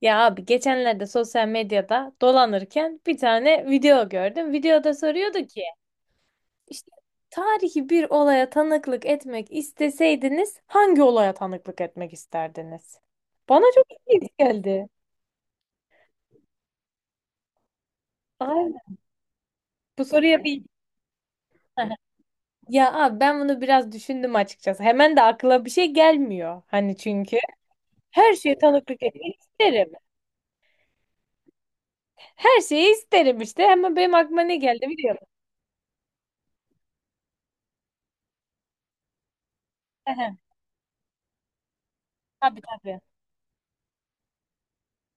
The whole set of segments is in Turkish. Ya abi geçenlerde sosyal medyada dolanırken bir tane video gördüm. Videoda soruyordu ki işte tarihi bir olaya tanıklık etmek isteseydiniz hangi olaya tanıklık etmek isterdiniz? Bana çok ilginç geldi. Aynen. Bu soruya bir. Heh. Ya abi ben bunu biraz düşündüm açıkçası. Hemen de akla bir şey gelmiyor. Hani çünkü her şeye tanıklık etmek isterim. Her şeyi isterim işte. Hemen benim aklıma ne geldi biliyor musun? Tabi, tabii, tabii.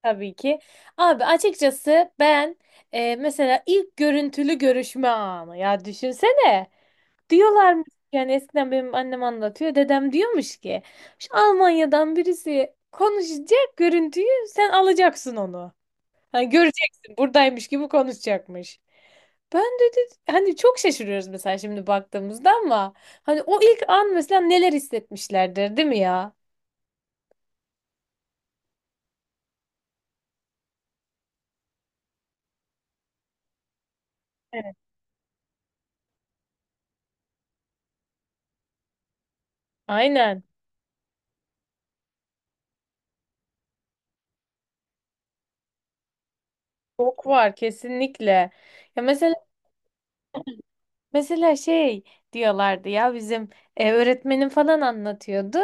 Tabii ki. Abi açıkçası ben mesela ilk görüntülü görüşme anı ya düşünsene. Diyorlarmış, yani eskiden benim annem anlatıyor. Dedem diyormuş ki şu Almanya'dan birisi konuşacak, görüntüyü sen alacaksın onu. Hani göreceksin buradaymış gibi konuşacakmış. Ben, dedi, hani çok şaşırıyoruz mesela şimdi baktığımızda ama hani o ilk an mesela neler hissetmişlerdir değil mi ya? Evet. Aynen. Çok var kesinlikle. Ya mesela Mesela şey diyorlardı ya bizim öğretmenim falan anlatıyordu.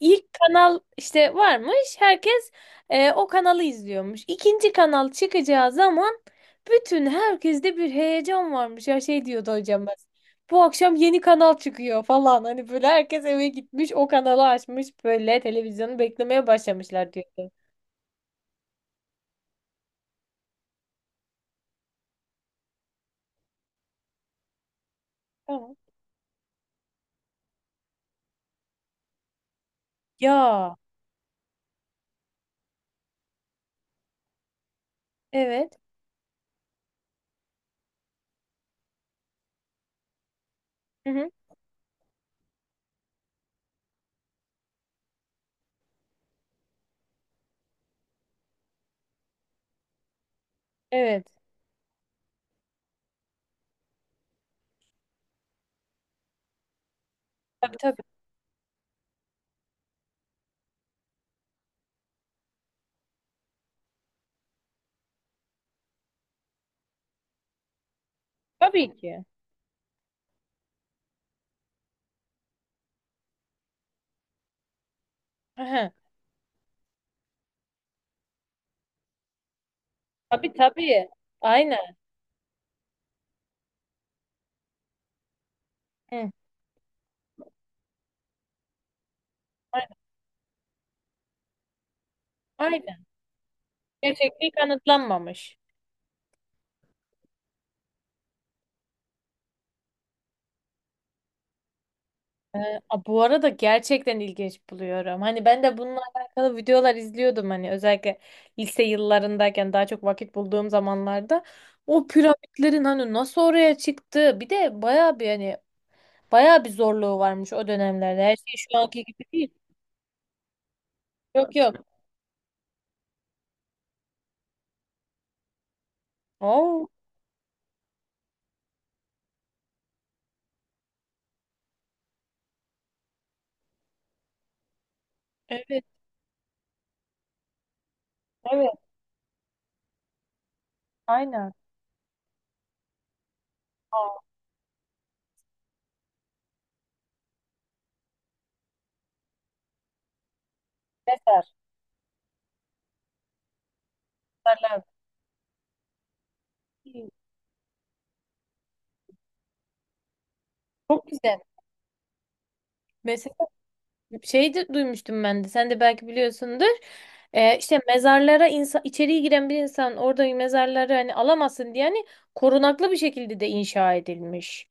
İlk kanal işte varmış, herkes o kanalı izliyormuş. İkinci kanal çıkacağı zaman bütün herkeste bir heyecan varmış. Ya şey diyordu hocam, hocamız. Bu akşam yeni kanal çıkıyor falan. Hani böyle herkes eve gitmiş, o kanalı açmış, böyle televizyonu beklemeye başlamışlar diyordu. Tamam. Ya, evet. Hı hı. Evet. Tabii, tabii. Tabii ki. Hı hı. Tabii, tabii. Aynen. Hı. Aynen. Gerçekliği kanıtlanmamış. Ee, Bu arada gerçekten ilginç buluyorum. Hani ben de bununla alakalı videolar izliyordum, hani özellikle lise yıllarındayken daha çok vakit bulduğum zamanlarda. O piramitlerin hani nasıl oraya çıktı? Bir de bayağı bir hani bayağı bir zorluğu varmış o dönemlerde. Her şey şu anki gibi değil. Yok, yok. Oo, evet, evet, aynen. Aa, mezar. Mezarlar. Çok güzel. Şey de duymuştum ben de. Sen de belki biliyorsundur. İşte mezarlara içeriye giren bir insan orada mezarları hani alamasın diye hani korunaklı bir şekilde de inşa edilmiş.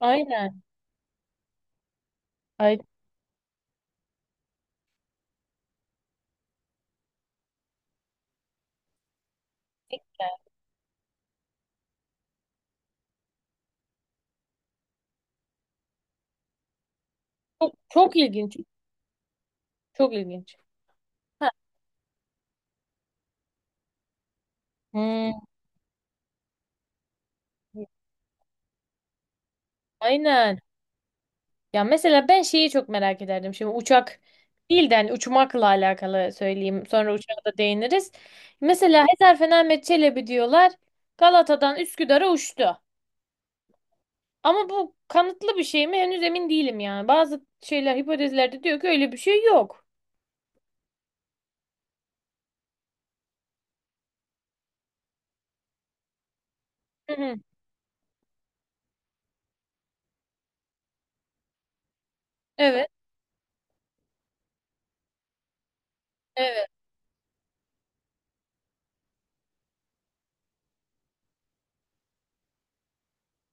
Aynen. Aynen. Çok, çok ilginç. Çok ilginç. Ha. Hmm. Aynen. Ya mesela ben şeyi çok merak ederdim. Şimdi uçak değil de hani uçmakla alakalı söyleyeyim. Sonra uçağa da değiniriz. Mesela Hezarfen Ahmet Çelebi diyorlar. Galata'dan Üsküdar'a uçtu. Ama bu kanıtlı bir şey mi? Henüz emin değilim yani. Bazı şeyler hipotezlerde diyor ki öyle bir şey yok. Hı hı. Evet, evet.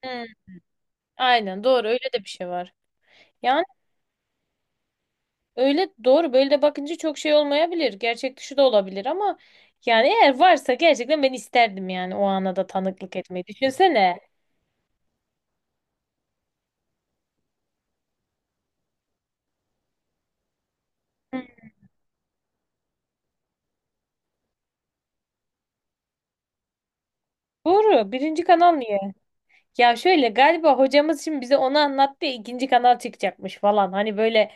Hı. Aynen, doğru, öyle de bir şey var. Yani öyle doğru, böyle de bakınca çok şey olmayabilir. Gerçek dışı da olabilir ama yani eğer varsa gerçekten ben isterdim yani o ana da tanıklık etmeyi. Düşünsene. Hı. Doğru. Birinci kanal niye? Ya şöyle galiba hocamız şimdi bize onu anlattı ya ikinci kanal çıkacakmış falan. Hani böyle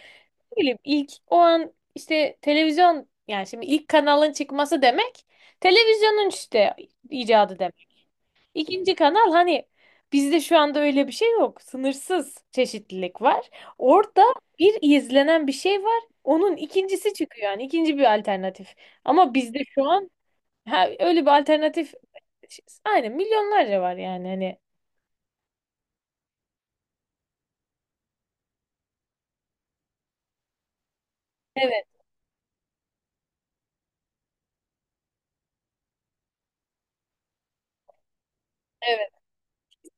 bileyim ilk o an işte televizyon, yani şimdi ilk kanalın çıkması demek televizyonun işte icadı demek. İkinci kanal hani bizde şu anda öyle bir şey yok. Sınırsız çeşitlilik var. Orada bir izlenen bir şey var. Onun ikincisi çıkıyor, yani ikinci bir alternatif. Ama bizde şu an, ha, öyle bir alternatif aynen milyonlarca var yani hani. Evet, evet,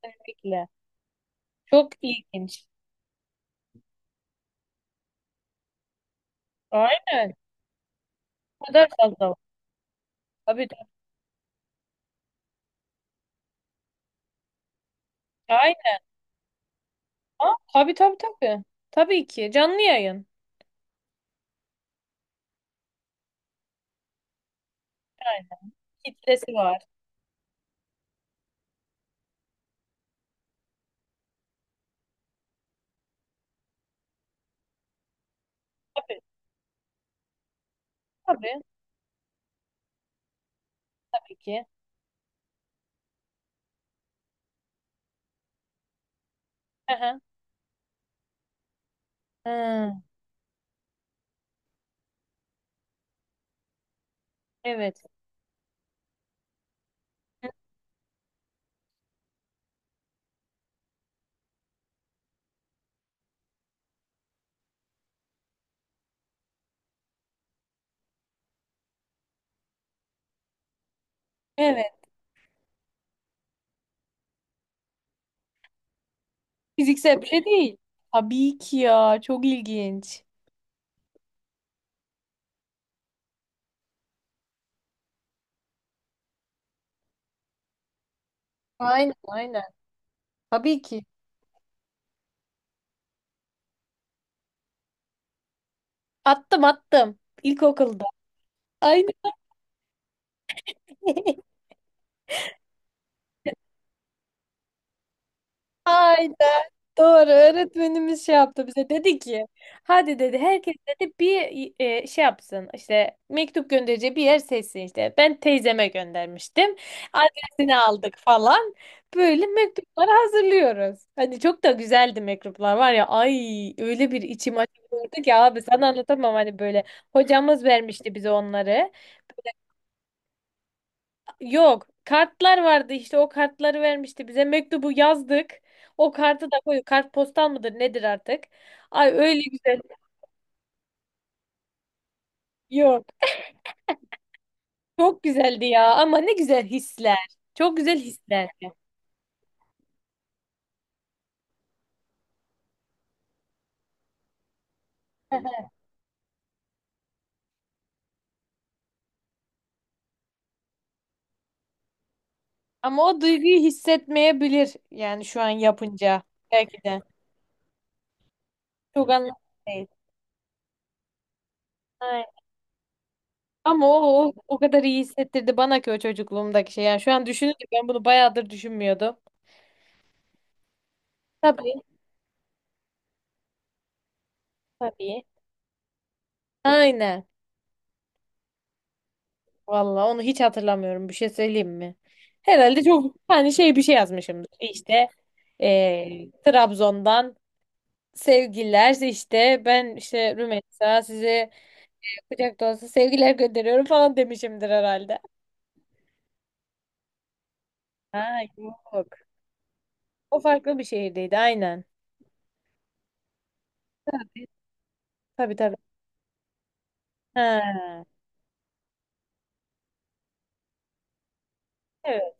kesinlikle. Çok ilginç. Aynen. Bu kadar fazla var. Tabii, tabii. Aa, tabii, tabii, tabii. Tabii ki. Canlı yayın. Aynen. Kitlesi var. Tabii. Tabii. Tabii ki. Aha. Hı, evet. Evet. Fiziksel bir şey değil. Tabii ki ya. Çok ilginç. Aynen, aynen. Tabii ki. Attım, attım. İlkokulda. Aynen. Aynen. Doğru. Öğretmenimiz şey yaptı bize. Dedi ki hadi, dedi, herkes, dedi, bir şey yapsın. İşte mektup göndereceği bir yer seçsin işte. Ben teyzeme göndermiştim. Adresini aldık falan. Böyle mektupları hazırlıyoruz. Hani çok da güzeldi mektuplar var ya. Ay, öyle bir içim açıldı ki abi sana anlatamam hani böyle. Hocamız vermişti bize onları. Yok. Kartlar vardı, işte o kartları vermişti bize. Mektubu yazdık. O kartı da koyduk. Kartpostal mıdır nedir artık? Ay öyle güzel. Yok. Çok güzeldi ya ama ne güzel hisler. Çok güzel hisler. Ama o duyguyu hissetmeyebilir yani şu an yapınca belki de. Çok anlamlı değil. Aynen. Ama o, o o kadar iyi hissettirdi bana ki o çocukluğumdaki şey. Yani şu an düşününce ben bunu bayağıdır düşünmüyordum. Tabii. Tabii. Aynen. Vallahi onu hiç hatırlamıyorum. Bir şey söyleyeyim mi? Herhalde çok hani şey bir şey yazmışımdır. İşte Trabzon'dan sevgiler işte ben işte Rümeysa size kucak dolusu sevgiler gönderiyorum falan demişimdir herhalde. Ha, yok. O farklı bir şehirdeydi aynen. Tabii, tabii. Ha, evet.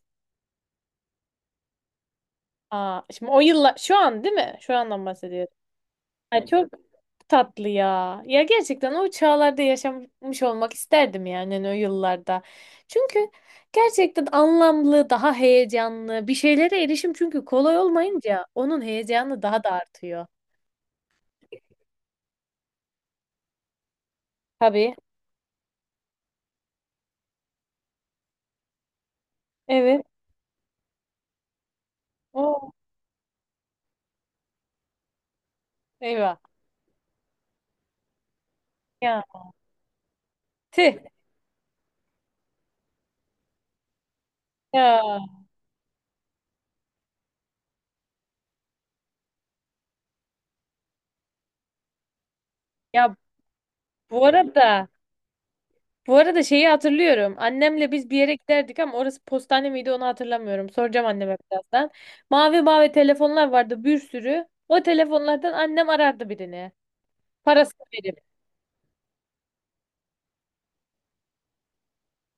Aa, şimdi o yıllar şu an değil mi? Şu andan bahsediyorum. Ay, çok tatlı ya. Ya gerçekten o çağlarda yaşamış olmak isterdim yani hani o yıllarda. Çünkü gerçekten anlamlı, daha heyecanlı bir şeylere erişim çünkü kolay olmayınca onun heyecanı daha da artıyor. Tabii. Evet. Oo, eyvah. Ya. Tüh. Ya. Ya bu arada Bu arada şeyi hatırlıyorum. Annemle biz bir yere giderdik ama orası postane miydi onu hatırlamıyorum. Soracağım anneme birazdan. Mavi mavi telefonlar vardı bir sürü. O telefonlardan annem arardı birini. Parasını verip.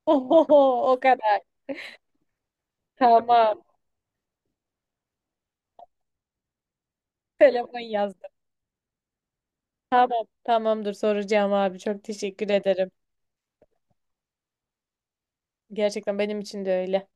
Oho, o kadar. Tamam. Telefon yazdım. Tamam. Tamamdır, soracağım abi. Çok teşekkür ederim. Gerçekten benim için de öyle.